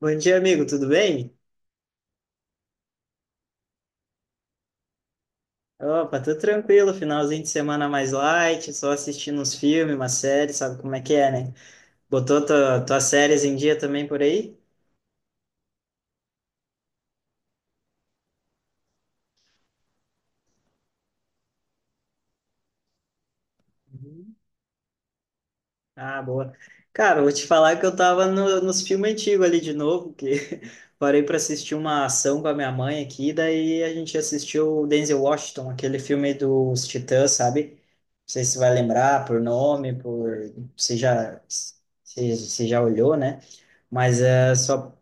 Bom dia, amigo, tudo bem? Opa, tô tranquilo, finalzinho de semana mais light, só assistindo uns filmes, uma série, sabe como é que é, né? Botou tuas séries em dia também por aí? Uhum. Ah, boa. Cara, eu vou te falar que eu tava nos filmes antigos ali de novo, que parei pra assistir uma ação com a minha mãe aqui, daí a gente assistiu o Denzel Washington, aquele filme dos Titãs, sabe? Não sei se vai lembrar por nome, por se já olhou, né? Mas é só.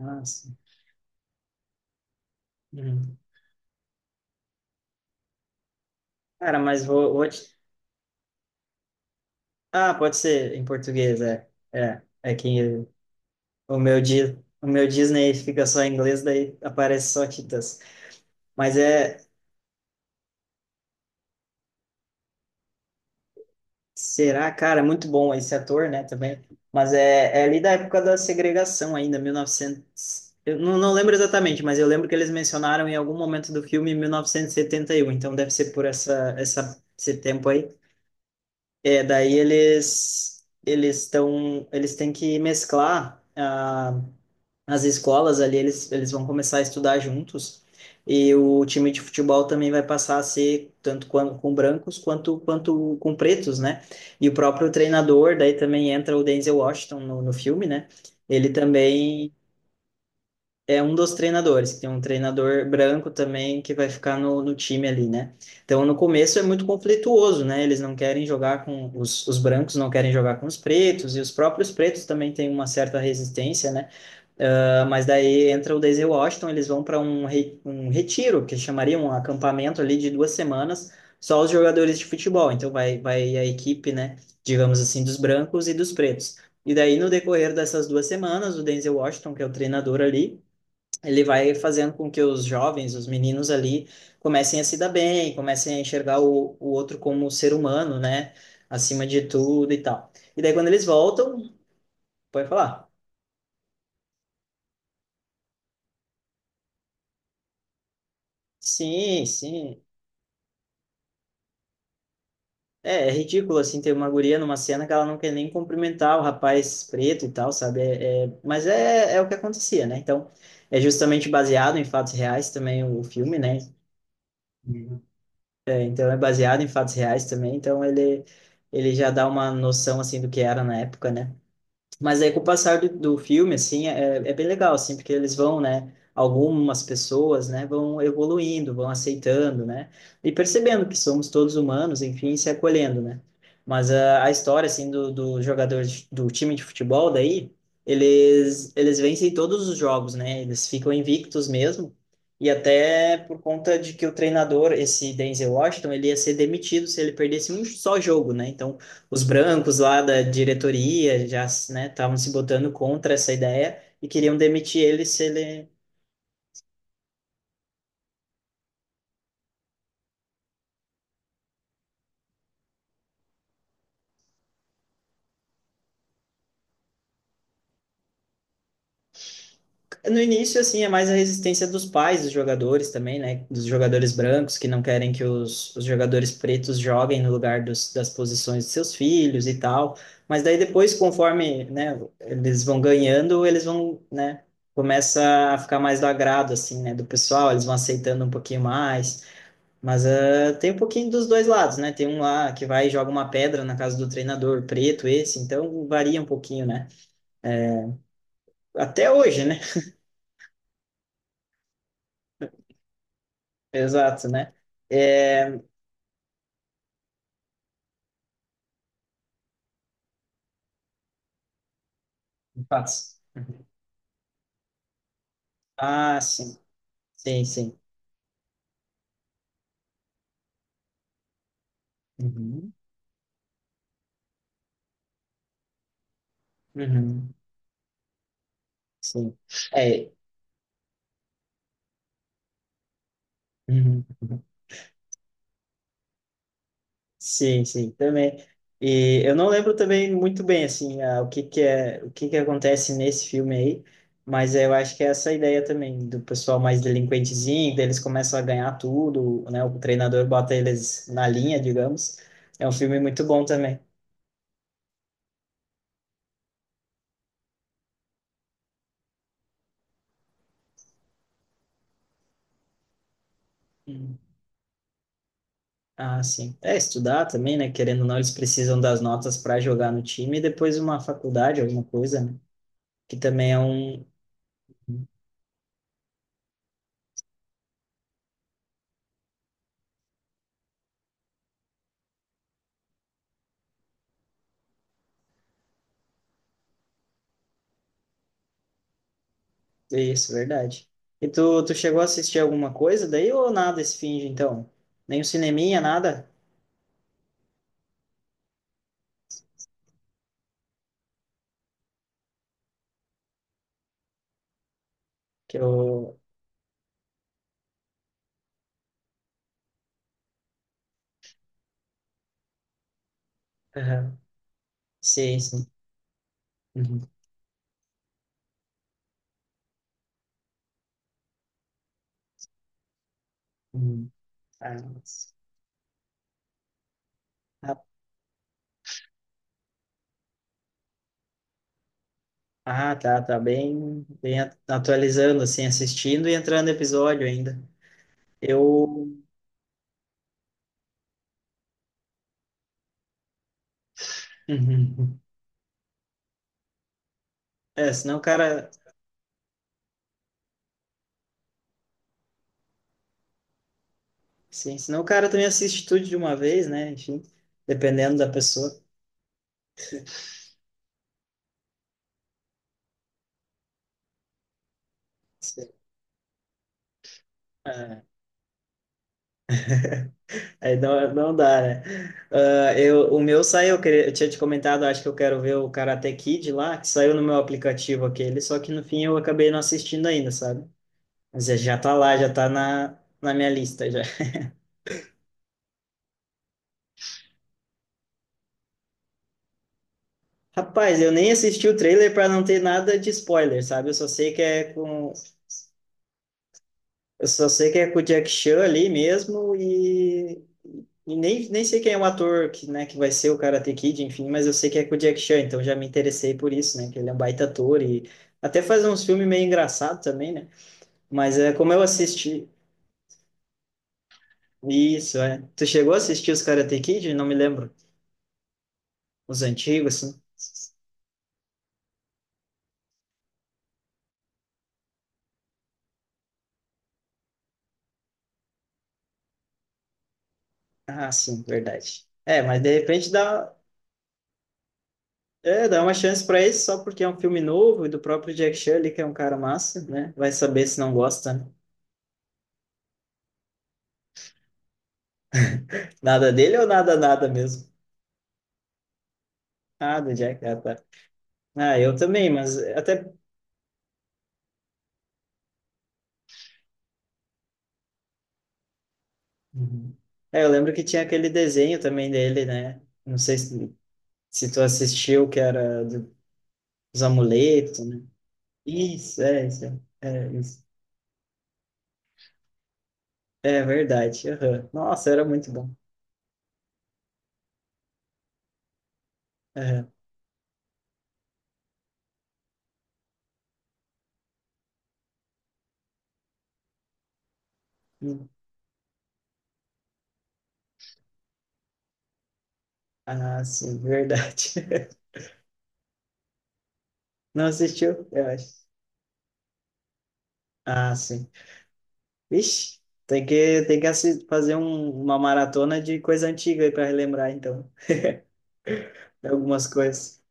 Ah, sim. Uhum. Cara, vou te... Ah, pode ser em português, é. É que o meu, o meu Disney fica só em inglês, daí aparece só Titãs. Mas é... Será, cara, é muito bom esse ator, né, também. Mas é ali da época da segregação ainda, 1900... Eu não lembro exatamente, mas eu lembro que eles mencionaram em algum momento do filme 1971, então deve ser por esse tempo aí. É, daí eles estão eles têm que mesclar as escolas ali, eles vão começar a estudar juntos e o time de futebol também vai passar a ser tanto com brancos quanto quanto com pretos, né? E o próprio treinador, daí também entra o Denzel Washington no filme, né? Ele também é um dos treinadores, que tem um treinador branco também que vai ficar no time ali, né? Então, no começo é muito conflituoso, né? Eles não querem jogar com os brancos, não querem jogar com os pretos, e os próprios pretos também têm uma certa resistência, né? Mas daí entra o Daisy Washington, eles vão para um retiro, que chamaria um acampamento ali de duas semanas, só os jogadores de futebol. Então, vai a equipe, né? Digamos assim, dos brancos e dos pretos. E daí, no decorrer dessas duas semanas, o Denzel Washington, que é o treinador ali, ele vai fazendo com que os jovens, os meninos ali, comecem a se dar bem, comecem a enxergar o outro como ser humano, né? Acima de tudo e tal. E daí quando eles voltam, pode falar. Sim, sim. É, é ridículo, assim, ter uma guria numa cena que ela não quer nem cumprimentar o rapaz preto e tal, sabe? É o que acontecia, né? Então, é justamente baseado em fatos reais também o filme, né? É, então é baseado em fatos reais também, então ele já dá uma noção assim do que era na época, né? Mas aí com o passar do filme, assim, é bem legal, assim, porque eles vão, né, algumas pessoas, né, vão evoluindo, vão aceitando, né, e percebendo que somos todos humanos, enfim, se acolhendo, né. Mas a história, assim, do jogador do time de futebol daí, eles vencem todos os jogos, né, eles ficam invictos mesmo, e até por conta de que o treinador, esse Denzel Washington, ele ia ser demitido se ele perdesse um só jogo, né, então os brancos lá da diretoria já, né, estavam se botando contra essa ideia e queriam demitir ele se ele... No início, assim, é mais a resistência dos pais dos jogadores também, né, dos jogadores brancos que não querem que os jogadores pretos joguem no lugar das posições de seus filhos e tal. Mas daí depois, conforme, né, eles vão ganhando, eles vão, né, começa a ficar mais do agrado, assim, né, do pessoal, eles vão aceitando um pouquinho mais. Mas tem um pouquinho dos dois lados, né? Tem um lá que vai e joga uma pedra na casa do treinador, preto esse, então varia um pouquinho, né? Até hoje, né? Exato, né? É... Fatos. Uhum. Ah, sim. Sim, sim. Uhum. Uhum. Sim. É. Uhum. Sim, sim, também. E eu não lembro também muito bem assim o que que é o que que acontece nesse filme aí, mas eu acho que é essa ideia também do pessoal mais delinquentezinho, daí eles começam a ganhar tudo, né? O treinador bota eles na linha, digamos. É um filme muito bom também. Hum. Ah, sim. É estudar também, né? Querendo ou não, eles precisam das notas para jogar no time e depois uma faculdade, alguma coisa, né? Que também é um... Isso, verdade. E tu chegou a assistir alguma coisa daí ou nada esse fim de então? Nem um cineminha, nada? Que eu... Aham. Sim, sim. Uhum. Uhum. Ah, sim. Ah, ah, tá, tá bem, atualizando, assim, assistindo e entrando episódio ainda. Eu... Uhum. Uhum. É, senão o cara... Sim, senão o cara também assiste tudo de uma vez, né? Enfim, dependendo da pessoa. Aí não, não dá, né? Ah, eu, o meu saiu, eu tinha te comentado, acho que eu quero ver o Karate Kid lá, que saiu no meu aplicativo aquele, só que no fim eu acabei não assistindo ainda, sabe? Mas já já tá lá, já tá na minha lista já. Rapaz, eu nem assisti o trailer pra não ter nada de spoiler, sabe? Eu só sei que é com. Eu só sei que é com o Jack Chan ali mesmo e nem, nem sei quem é o ator que, né, que vai ser o Karate Kid, enfim, mas eu sei que é com o Jack Chan, então já me interessei por isso, né, que ele é um baita ator e até faz uns filmes meio engraçados também, né? Mas é como eu assisti. Isso, é. Tu chegou a assistir os Karate Kid? Não me lembro. Os antigos, assim? Ah, sim, verdade. É, mas de repente dá, é, dá uma chance para esse só porque é um filme novo e do próprio Jack Chan ali, que é um cara massa, né? Vai saber se não gosta, né? Nada dele ou nada, nada mesmo? Ah, do Jack, ah, tá. Ah, eu também, mas até. Uhum. É, eu lembro que tinha aquele desenho também dele, né? Não sei se, se tu assistiu, que era dos amuletos, né? Isso, é, isso. Isso. É verdade. Aham. Nossa, era muito bom. Aham. Hum. Ah, sim, verdade. Não assistiu? Eu acho. Ah, sim. Vixe, tem que fazer uma maratona de coisa antiga aí para relembrar, então, de algumas coisas.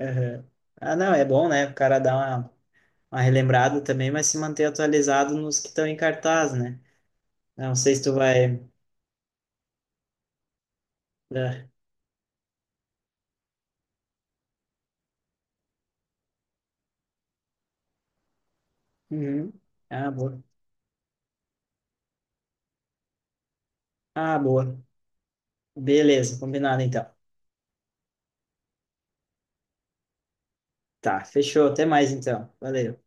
Aham. Ah, não, é bom, né? O cara dar uma relembrada também, mas se manter atualizado nos que estão em cartaz, né? Não sei se tu vai. É. Uhum. Ah, boa. Ah, boa. Beleza, combinado então. Tá, fechou. Até mais então. Valeu.